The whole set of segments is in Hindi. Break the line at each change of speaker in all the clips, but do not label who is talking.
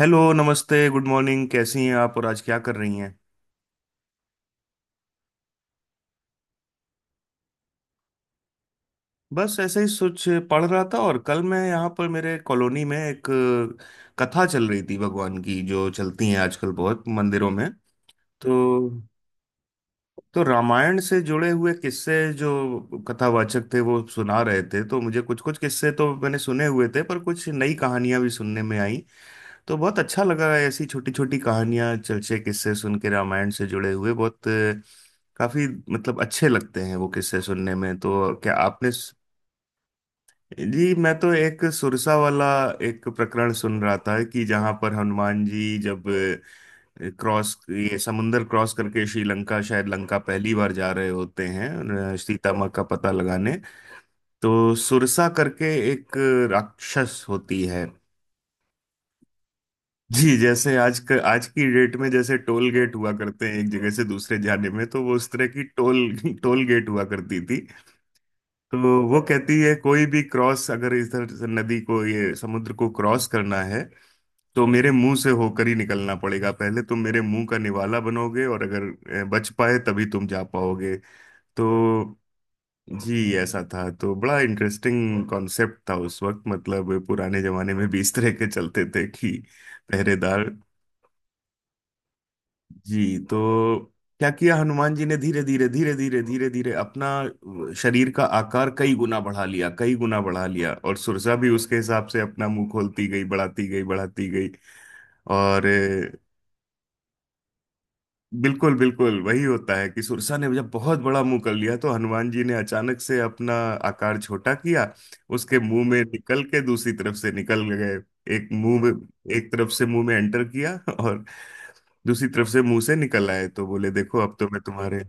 हेलो नमस्ते गुड मॉर्निंग। कैसी हैं आप और आज क्या कर रही हैं? बस ऐसे ही सोच पढ़ रहा था, और कल मैं यहाँ पर मेरे कॉलोनी में एक कथा चल रही थी भगवान की, जो चलती हैं आजकल बहुत मंदिरों में। तो तो रामायण से जुड़े हुए किस्से जो कथावाचक थे वो सुना रहे थे, तो मुझे कुछ कुछ किस्से तो मैंने सुने हुए थे, पर कुछ नई कहानियां भी सुनने में आई। तो बहुत अच्छा लगा है ऐसी छोटी छोटी कहानियां चलचे किस्से सुन के रामायण से जुड़े हुए। बहुत काफी मतलब अच्छे लगते हैं वो किस्से सुनने में। तो क्या आपने जी, मैं तो एक सुरसा वाला एक प्रकरण सुन रहा था, कि जहां पर हनुमान जी जब अ, क्रॉस ये समुंदर क्रॉस करके श्रीलंका शायद लंका पहली बार जा रहे होते हैं सीता माँ का पता लगाने। तो सुरसा करके एक राक्षस होती है। जी, जैसे आज आज की डेट में जैसे टोल गेट हुआ करते हैं एक जगह से दूसरे जाने में, तो वो उस तरह की टोल टोल गेट हुआ करती थी। तो वो कहती है कोई भी क्रॉस अगर इधर से नदी को ये समुद्र को क्रॉस करना है, तो मेरे मुंह से होकर ही निकलना पड़ेगा। पहले तुम मेरे मुंह का निवाला बनोगे, और अगर बच पाए तभी तुम जा पाओगे। तो जी ऐसा था। तो बड़ा इंटरेस्टिंग कॉन्सेप्ट था उस वक्त, मतलब पुराने जमाने में भी इस तरह के चलते थे कि पहरेदार। जी तो क्या किया हनुमान जी ने, धीरे धीरे धीरे धीरे धीरे धीरे अपना शरीर का आकार कई गुना बढ़ा लिया, कई गुना बढ़ा लिया, और सुरसा भी उसके हिसाब से अपना मुंह खोलती गई, बढ़ाती गई बढ़ाती गई। और बिल्कुल बिल्कुल वही होता है, कि सुरसा ने जब बहुत बड़ा मुंह कर लिया, तो हनुमान जी ने अचानक से अपना आकार छोटा किया, उसके मुंह में निकल के दूसरी तरफ से निकल गए। एक मुंह में एक तरफ से मुंह में एंटर किया, और दूसरी तरफ से मुंह से निकल आए। तो बोले देखो अब तो मैं तुम्हारे।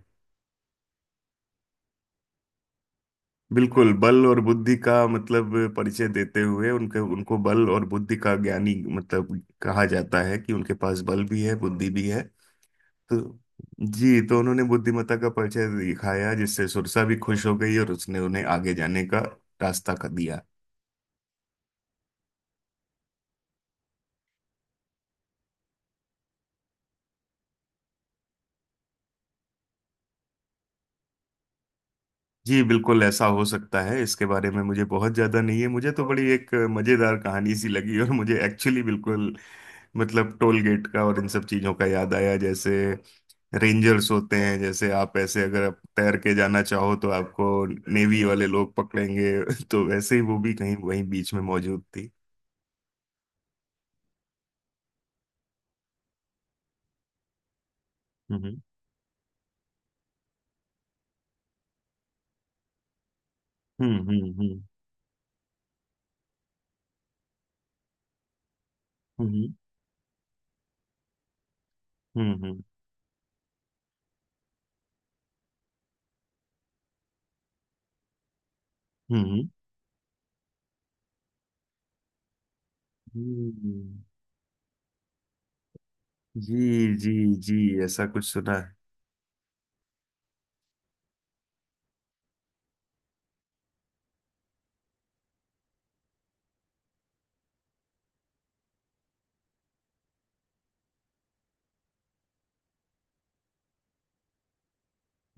बिल्कुल, बल और बुद्धि का मतलब परिचय देते हुए उनके उनको बल और बुद्धि का ज्ञानी, मतलब कहा जाता है कि उनके पास बल भी है बुद्धि भी है। तो जी, तो उन्होंने बुद्धिमत्ता का परिचय दिखाया, जिससे सुरसा भी खुश हो गई और उसने उन्हें आगे जाने का रास्ता कर दिया। जी बिल्कुल, ऐसा हो सकता है, इसके बारे में मुझे बहुत ज्यादा नहीं है। मुझे तो बड़ी एक मजेदार कहानी सी लगी, और मुझे एक्चुअली बिल्कुल मतलब टोल गेट का और इन सब चीजों का याद आया। जैसे रेंजर्स होते हैं, जैसे आप ऐसे, अगर आप तैर के जाना चाहो तो आपको नेवी वाले लोग पकड़ेंगे तो वैसे ही वो भी कहीं वहीं बीच में मौजूद थी। हम्म, हम्म, हम्म, हम्म, हम्म, हम्म, हम्म, हम्म, हम्म, जी, जी, जी, ऐसा कुछ सुना है।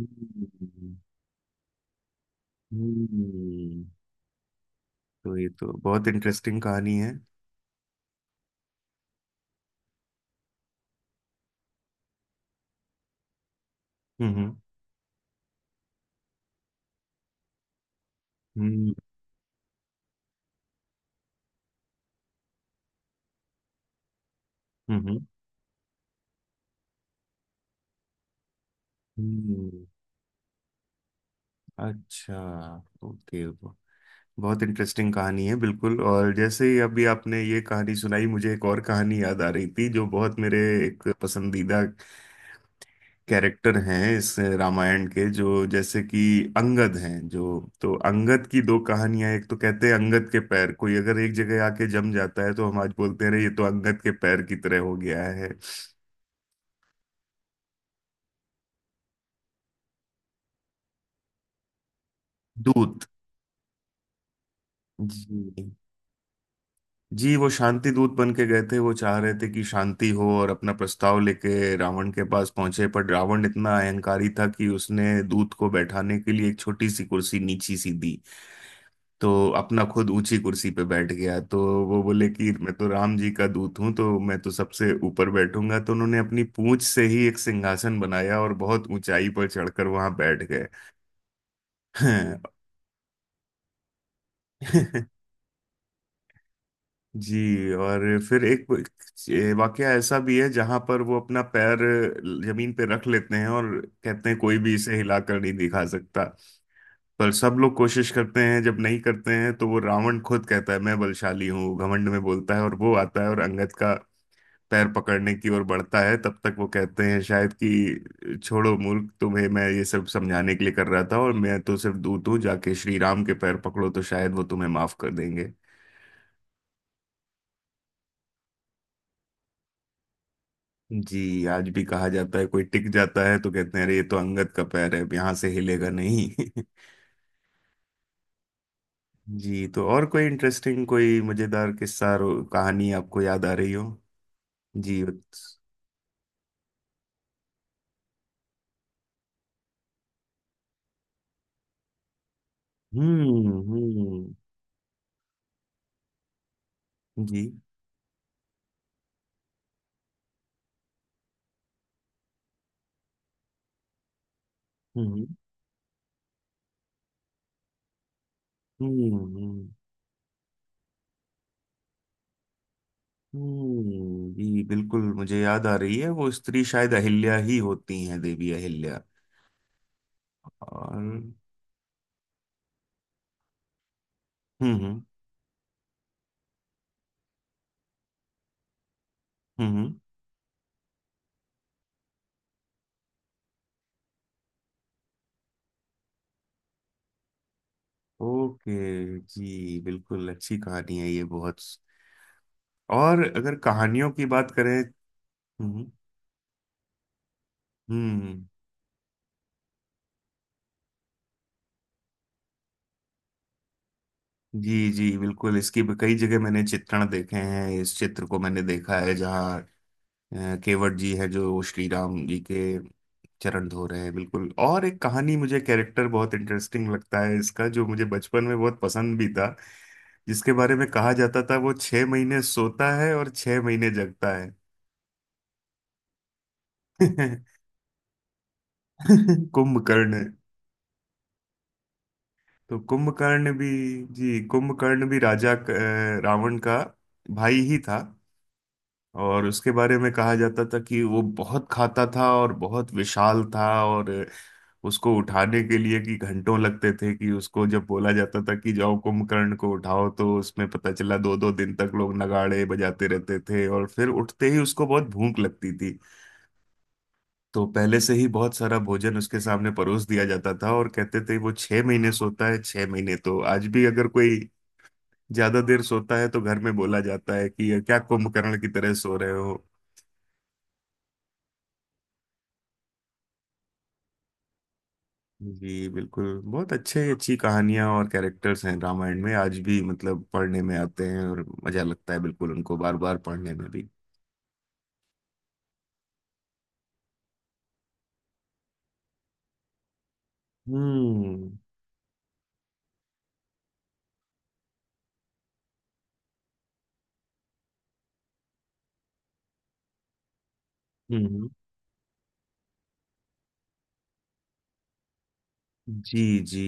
हम्म, हम्म, तो ये तो बहुत इंटरेस्टिंग कहानी है। हम्म, हम्म, हम्म, हम्म, अच्छा, ओके, तो बहुत इंटरेस्टिंग कहानी है बिल्कुल। और जैसे ही अभी आपने ये कहानी सुनाई, मुझे एक और कहानी याद आ रही थी, जो बहुत मेरे एक पसंदीदा कैरेक्टर हैं इस रामायण के, जो जैसे कि अंगद हैं जो। तो अंगद की दो कहानियां, एक तो कहते हैं अंगद के पैर कोई अगर एक जगह आके जम जाता है, तो हम आज बोलते हैं "अरे, ये तो अंगद के पैर की तरह हो गया है।" दूत। जी, जी, वो शांति दूत बन के गए थे। वो चाह रहे थे कि शांति हो, और अपना प्रस्ताव लेके रावण के पास पहुंचे, पर रावण इतना अहंकारी था कि उसने दूत को बैठाने के लिए एक छोटी सी कुर्सी नीची सी दी। तो अपना खुद ऊंची कुर्सी पे बैठ गया, तो वो बोले कि मैं तो राम जी का दूत हूँ, तो मैं तो सबसे ऊपर बैठूंगा। तो उन्होंने अपनी पूंछ से ही एक सिंहासन बनाया, और बहुत ऊंचाई पर चढ़कर वहां बैठ गए। हैं। जी, और फिर एक ये वाकया ऐसा भी है, जहां पर वो अपना पैर जमीन पे रख लेते हैं, और कहते हैं कोई भी इसे हिलाकर नहीं दिखा सकता। पर सब लोग कोशिश करते हैं, जब नहीं करते हैं, तो वो रावण खुद कहता है मैं बलशाली हूँ, घमंड में बोलता है, और वो आता है और अंगद का पैर पकड़ने की ओर बढ़ता है। तब तक वो कहते हैं शायद कि छोड़ो मूर्ख, तुम्हें मैं ये सब समझाने के लिए कर रहा था, और मैं तो सिर्फ दूत हूँ। जाके श्री राम के पैर पकड़ो, तो शायद वो तुम्हें माफ कर देंगे। जी, आज भी कहा जाता है कोई टिक जाता है तो कहते हैं अरे, ये तो अंगद का पैर है, अब यहाँ से हिलेगा नहीं। जी, तो और कोई इंटरेस्टिंग, कोई मजेदार किस्सा कहानी आपको याद आ रही हो? जी, हम्म, हम्म, जी, हम्म, हम्म, हम्म, जी बिल्कुल मुझे याद आ रही है, वो स्त्री शायद अहिल्या ही होती हैं, देवी अहिल्या। और हम्म, हम्म, हम्म, ओके, जी बिल्कुल, अच्छी कहानी है ये बहुत। और अगर कहानियों की बात करें, हम्म, हम्म, जी जी, बिल्कुल इसकी भी कई जगह मैंने चित्रण देखे हैं, इस चित्र को मैंने देखा है, जहाँ केवट जी है जो श्री राम जी के चरण धो रहे हैं, बिल्कुल। और एक कहानी मुझे, कैरेक्टर बहुत इंटरेस्टिंग लगता है इसका, जो मुझे बचपन में बहुत पसंद भी था, जिसके बारे में कहा जाता था वो 6 महीने सोता है और 6 महीने जगता है। कुंभकर्ण। तो कुंभकर्ण भी, जी, कुंभकर्ण भी राजा रावण का भाई ही था। और उसके बारे में कहा जाता था कि वो बहुत खाता था और बहुत विशाल था, और उसको उठाने के लिए कि घंटों लगते थे, कि उसको जब बोला जाता था कि जाओ कुंभकर्ण को उठाओ, तो उसमें पता चला दो दो दिन तक लोग नगाड़े बजाते रहते थे, और फिर उठते ही उसको बहुत भूख लगती थी। तो पहले से ही बहुत सारा भोजन उसके सामने परोस दिया जाता था। और कहते थे वो 6 महीने सोता है 6 महीने, तो आज भी अगर कोई ज्यादा देर सोता है तो घर में बोला जाता है कि क्या कुंभकर्ण की तरह सो रहे हो। जी बिल्कुल, बहुत अच्छे अच्छी कहानियां और कैरेक्टर्स हैं रामायण में, आज भी मतलब पढ़ने में आते हैं और मजा लगता है बिल्कुल, उनको बार बार पढ़ने में भी। हम्म, हम्म, जी, जी,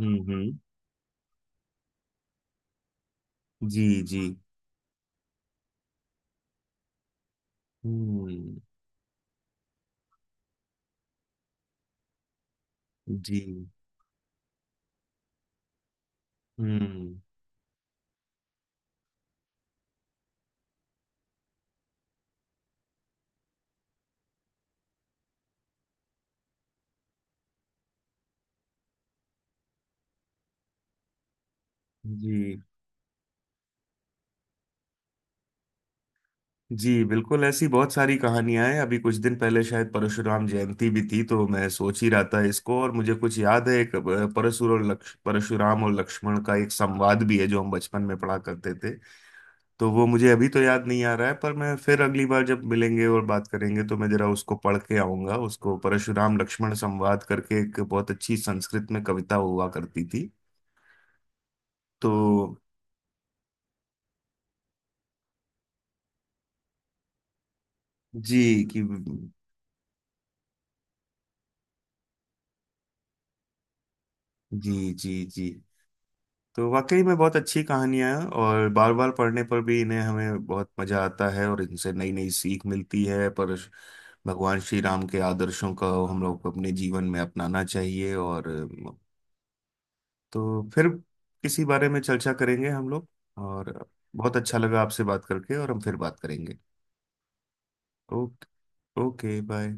हम्म, हम्म, जी, जी, हम्म, जी, हम्म, जी, जी बिल्कुल, ऐसी बहुत सारी कहानियां हैं। अभी कुछ दिन पहले शायद परशुराम जयंती भी थी, तो मैं सोच ही रहा था इसको, और मुझे कुछ याद है एक परशुराम और लक्ष्मण का एक संवाद भी है, जो हम बचपन में पढ़ा करते थे। तो वो मुझे अभी तो याद नहीं आ रहा है, पर मैं फिर अगली बार जब मिलेंगे और बात करेंगे तो मैं जरा उसको पढ़ के आऊंगा उसको, परशुराम लक्ष्मण संवाद करके एक बहुत अच्छी संस्कृत में कविता हुआ करती थी। तो जी, कि जी, जी, जी, तो वाकई में बहुत अच्छी कहानियां हैं, और बार बार पढ़ने पर भी इन्हें हमें बहुत मजा आता है, और इनसे नई नई सीख मिलती है। पर भगवान श्री राम के आदर्शों का हम लोग को अपने जीवन में अपनाना चाहिए। और तो फिर किसी बारे में चर्चा करेंगे हम लोग। और बहुत अच्छा लगा आपसे बात करके, और हम फिर बात करेंगे। ओके। Okay bye.